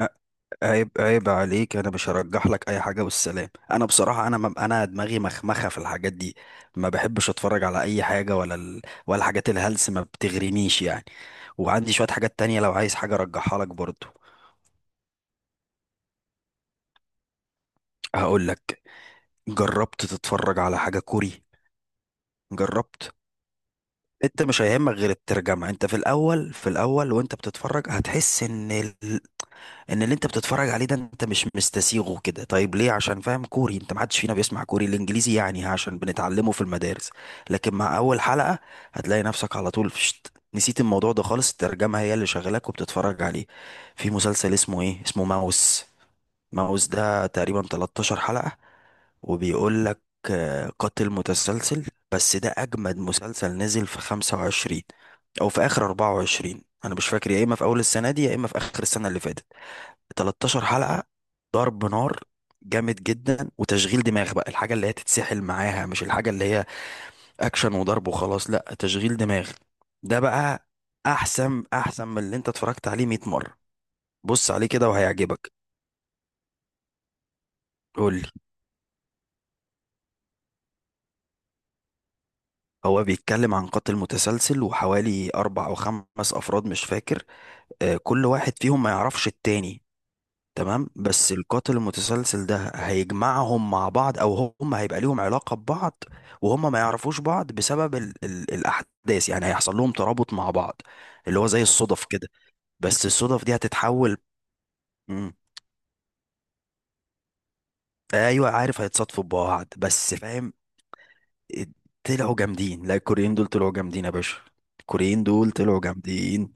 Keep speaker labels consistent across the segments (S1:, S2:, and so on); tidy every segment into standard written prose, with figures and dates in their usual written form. S1: ع- عيب عيب عليك، انا مش هرجح لك اي حاجه والسلام. انا بصراحه انا دماغي مخمخه في الحاجات دي. ما بحبش اتفرج على اي حاجه ولا الحاجات الهلس ما بتغرينيش يعني. وعندي شويه حاجات تانية لو عايز حاجه ارجحها لك برضو. هقول لك، جربت تتفرج على حاجه كوري؟ جربت؟ انت مش هيهمك غير الترجمه. انت في الاول في الاول وانت بتتفرج هتحس ان اللي انت بتتفرج عليه ده انت مش مستسيغه كده. طيب ليه؟ عشان فاهم كوري؟ انت ما حدش فينا بيسمع كوري. الانجليزي يعني عشان بنتعلمه في المدارس. لكن مع اول حلقة هتلاقي نفسك على طول فشت، نسيت الموضوع ده خالص، الترجمة هي اللي شغلك وبتتفرج عليه. في مسلسل اسمه ايه، اسمه ماوس. ماوس ده تقريبا 13 حلقة، وبيقول لك قاتل متسلسل. بس ده أجمد مسلسل نزل في 25، أو في آخر 24 أنا مش فاكر، يا إما في أول السنة دي يا إما في آخر السنة اللي فاتت. 13 حلقة، ضرب نار، جامد جدا وتشغيل دماغ بقى. الحاجة اللي هي تتسحل معاها، مش الحاجة اللي هي اكشن وضرب وخلاص، لا تشغيل دماغ. ده بقى احسن احسن من اللي انت اتفرجت عليه 100 مرة. بص عليه كده وهيعجبك. قولي. هو بيتكلم عن قاتل متسلسل وحوالي أربع أو خمس أفراد مش فاكر. كل واحد فيهم ما يعرفش التاني، تمام. بس القاتل المتسلسل ده هيجمعهم مع بعض، او هم هيبقى ليهم علاقة ببعض وهم ما يعرفوش بعض بسبب ال ال الاحداث. يعني هيحصل لهم ترابط مع بعض، اللي هو زي الصدف كده. بس الصدف دي هتتحول. مم. ايوه عارف هيتصادفوا ببعض بس فاهم. طلعوا جامدين، لا الكوريين دول طلعوا جامدين يا باشا. الكوريين دول طلعوا جامدين.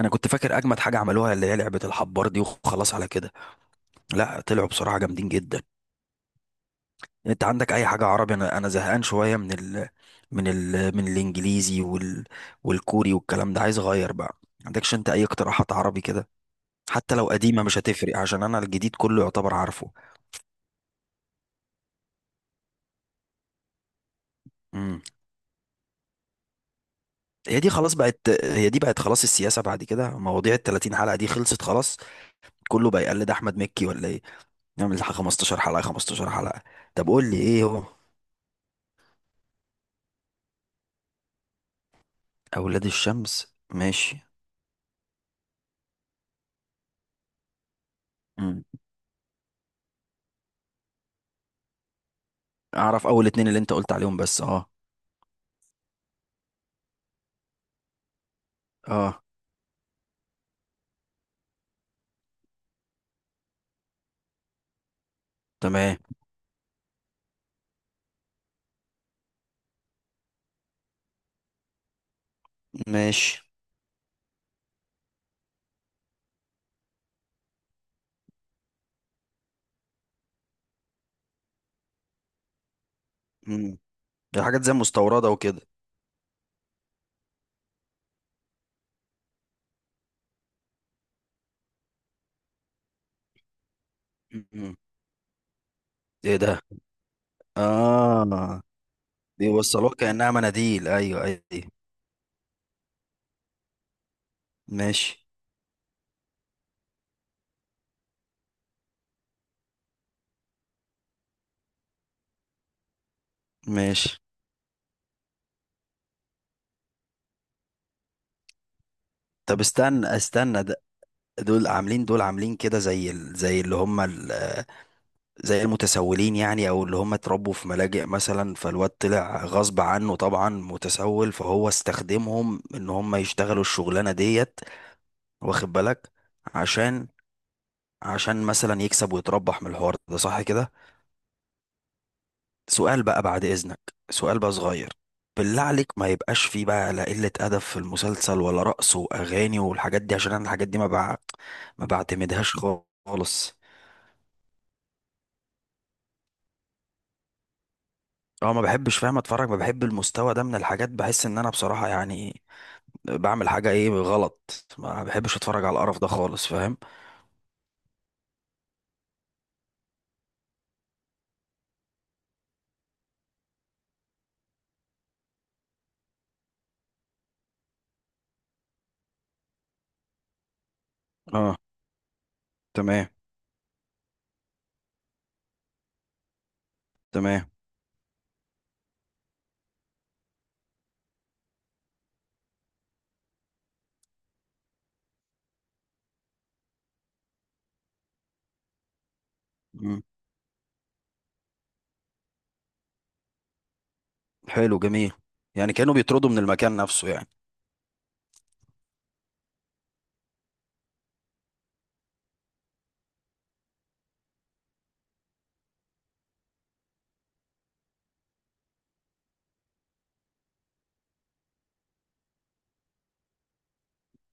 S1: انا كنت فاكر اجمد حاجة عملوها اللي هي لعبة الحبار دي وخلاص على كده، لا طلعوا بصراحة جامدين جدا. انت عندك اي حاجه عربي؟ انا زهقان شويه من الانجليزي وال والكوري والكلام ده، عايز اغير بقى. ما عندكش انت اي اقتراحات عربي كده؟ حتى لو قديمه مش هتفرق، عشان انا الجديد كله يعتبر عارفه. امم هي دي خلاص بقت، هي دي بقت خلاص. السياسه بعد كده، مواضيع ال 30 حلقه دي خلصت خلاص. كله بقى يقلد احمد مكي ولا ايه؟ نعمل 15 حلقه 15 حلقه. طب قول لي ايه هو. اولاد الشمس، ماشي. امم اعرف اول اتنين اللي انت قلت عليهم بس، اه. اه تمام. ماشي. مم. دي حاجات زي مستوردة وكده. مم. ايه ده؟ اه بيوصلوها كأنها مناديل، ايوه ايوه. ماشي. ماشي. طب استنى استنى ده. دول عاملين دول عاملين كده زي المتسولين، يعني او اللي هم اتربوا في ملاجئ مثلا، فالواد طلع غصب عنه طبعا متسول فهو استخدمهم ان هم يشتغلوا الشغلانة ديت، واخد بالك؟ عشان مثلا يكسب ويتربح من الحوار ده، صح كده؟ سؤال بقى بعد إذنك. سؤال بقى صغير. بالله عليك، ما يبقاش فيه بقى لا قلة أدب في المسلسل ولا رقص وأغاني والحاجات دي، عشان أنا الحاجات دي ما بعتمدهاش خالص. اه ما بحبش فاهم اتفرج، ما بحب المستوى ده من الحاجات، بحس ان انا بصراحة يعني بعمل حاجة ايه غلط. ما بحبش اتفرج على القرف ده خالص فاهم. اه تمام. تمام. مم. حلو جميل. يعني كانوا بيطردوا من المكان نفسه يعني.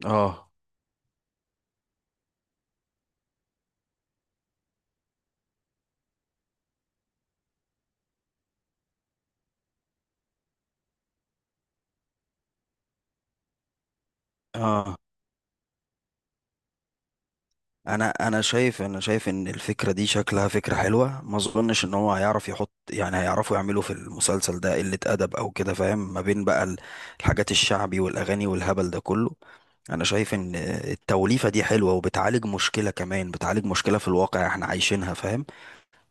S1: اه. اه انا انا شايف انا شايف ان الفكره دي شكلها فكره حلوه. ما اظنش ان هو هيعرف يحط، يعني هيعرفوا يعملوا في المسلسل ده قله ادب او كده فاهم، ما بين بقى الحاجات الشعبي والاغاني والهبل ده كله. انا شايف ان التوليفه دي حلوه وبتعالج مشكله، كمان بتعالج مشكله في الواقع احنا عايشينها فاهم.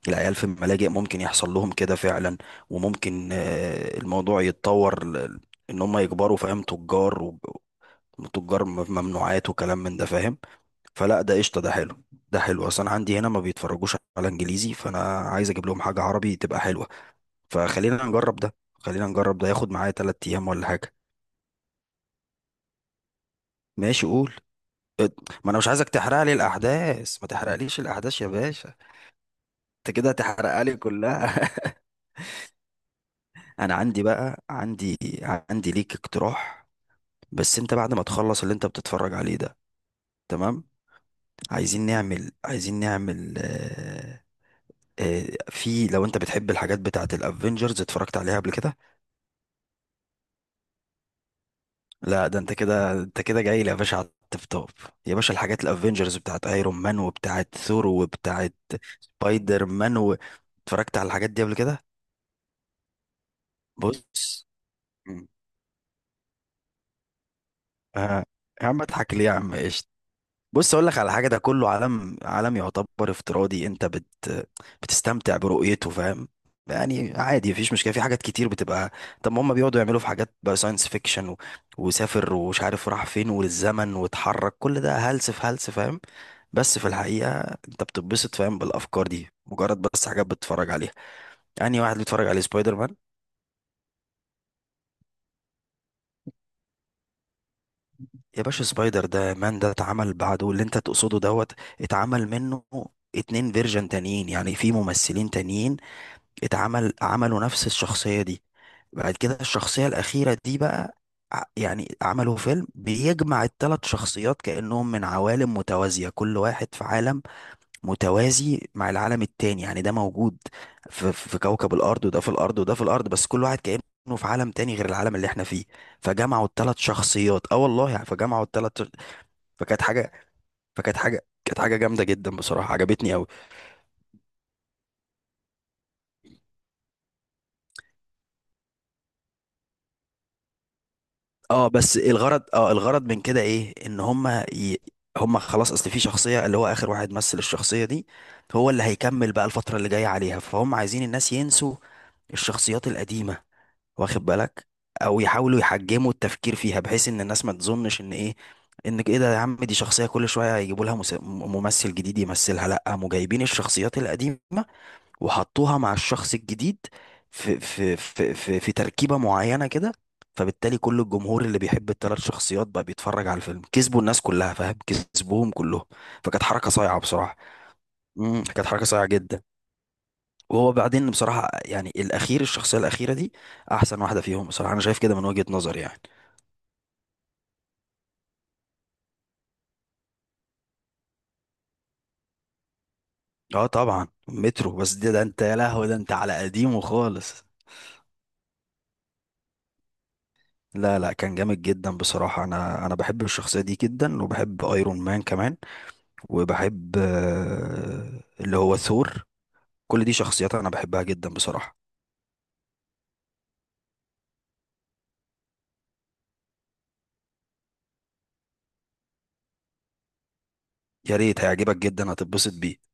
S1: العيال في الملاجئ ممكن يحصل لهم كده فعلا. وممكن الموضوع يتطور ان هم يكبروا فاهم تجار، وتجار ممنوعات وكلام من ده فاهم. فلا ده قشطه، ده حلو. ده حلو، اصلا عندي هنا ما بيتفرجوش على انجليزي فانا عايز اجيب لهم حاجه عربي تبقى حلوه. فخلينا نجرب ده، خلينا نجرب ده ياخد معايا تلات ايام ولا حاجه. ماشي قول. ات- ما انا مش عايزك تحرق لي الاحداث، ما تحرقليش الاحداث يا باشا. انت كده هتحرقها لي كلها. انا عندي بقى عندي عندي ليك اقتراح. بس انت بعد ما تخلص اللي انت بتتفرج عليه ده، تمام. عايزين نعمل في، لو انت بتحب الحاجات بتاعت الافينجرز، اتفرجت عليها قبل كده؟ لا، ده انت كده، جاي لي يا باشا على التوب توب. يا باشا الحاجات الافنجرز بتاعت ايرون مان وبتاعت ثور وبتاعت سبايدر مان اتفرجت على الحاجات دي قبل كده؟ بص. مم. آه. يا عم اضحك ليه يا عم، ايش؟ بص اقول لك على حاجه، ده كله عالم، عالم يعتبر افتراضي، انت بت بتستمتع برؤيته فاهم. يعني عادي مفيش مشكله، في حاجات كتير بتبقى. طب ما هم بيقعدوا يعملوا في حاجات بقى ساينس فيكشن وسافر ومش عارف راح فين والزمن واتحرك، كل ده هلس في هلس فاهم، بس في الحقيقه انت بتتبسط فاهم بالافكار دي، مجرد بس حاجات بتتفرج عليها. يعني واحد بيتفرج على سبايدر مان. يا باشا سبايدر ده مان ده اتعمل بعده اللي انت تقصده دوت، اتعمل منه اتنين فيرجن تانيين يعني في ممثلين تانيين اتعمل، عملوا نفس الشخصية دي. بعد كده الشخصية الأخيرة دي بقى يعني عملوا فيلم بيجمع الثلاث شخصيات كأنهم من عوالم متوازية، كل واحد في عالم متوازي مع العالم التاني يعني. ده موجود في كوكب الأرض، وده في الأرض، وده في الأرض، بس كل واحد كأنه في عالم تاني غير العالم اللي احنا فيه. فجمعوا الثلاث شخصيات، اه والله يعني فجمعوا الثلاث، فكانت حاجة فكانت حاجة كانت حاجة جامدة جدا بصراحة عجبتني أوي. اه بس الغرض من كده ايه؟ ان هما خلاص، اصل في شخصية اللي هو اخر واحد مثل الشخصية دي، هو اللي هيكمل بقى الفترة اللي جاية عليها. فهم عايزين الناس ينسوا الشخصيات القديمة، واخد بالك؟ او يحاولوا يحجموا التفكير فيها بحيث ان الناس ما تظنش ان ايه ده يا عم، دي شخصية كل شوية هيجيبوا لها ممثل جديد يمثلها. لا، قاموا جايبين الشخصيات القديمة وحطوها مع الشخص الجديد في تركيبة معينة كده. فبالتالي كل الجمهور اللي بيحب الثلاث شخصيات بقى بيتفرج على الفيلم. كسبوا الناس كلها فاهم، كسبوهم كلهم. فكانت حركة صايعة بصراحة. كانت حركة صايعة جدا. وهو بعدين بصراحة يعني الأخير، الشخصية الأخيرة دي أحسن واحدة فيهم بصراحة، أنا شايف كده من وجهة نظري يعني. أه طبعا مترو، بس ده أنت يا لهوي، ده أنت على قديمه خالص. لا لا كان جامد جدا بصراحة. أنا بحب الشخصية دي جدا وبحب أيرون مان كمان، وبحب اللي هو ثور. كل دي شخصيات انا بحبها جدا بصراحة. يا ريت هيعجبك جدا هتتبسط بيه.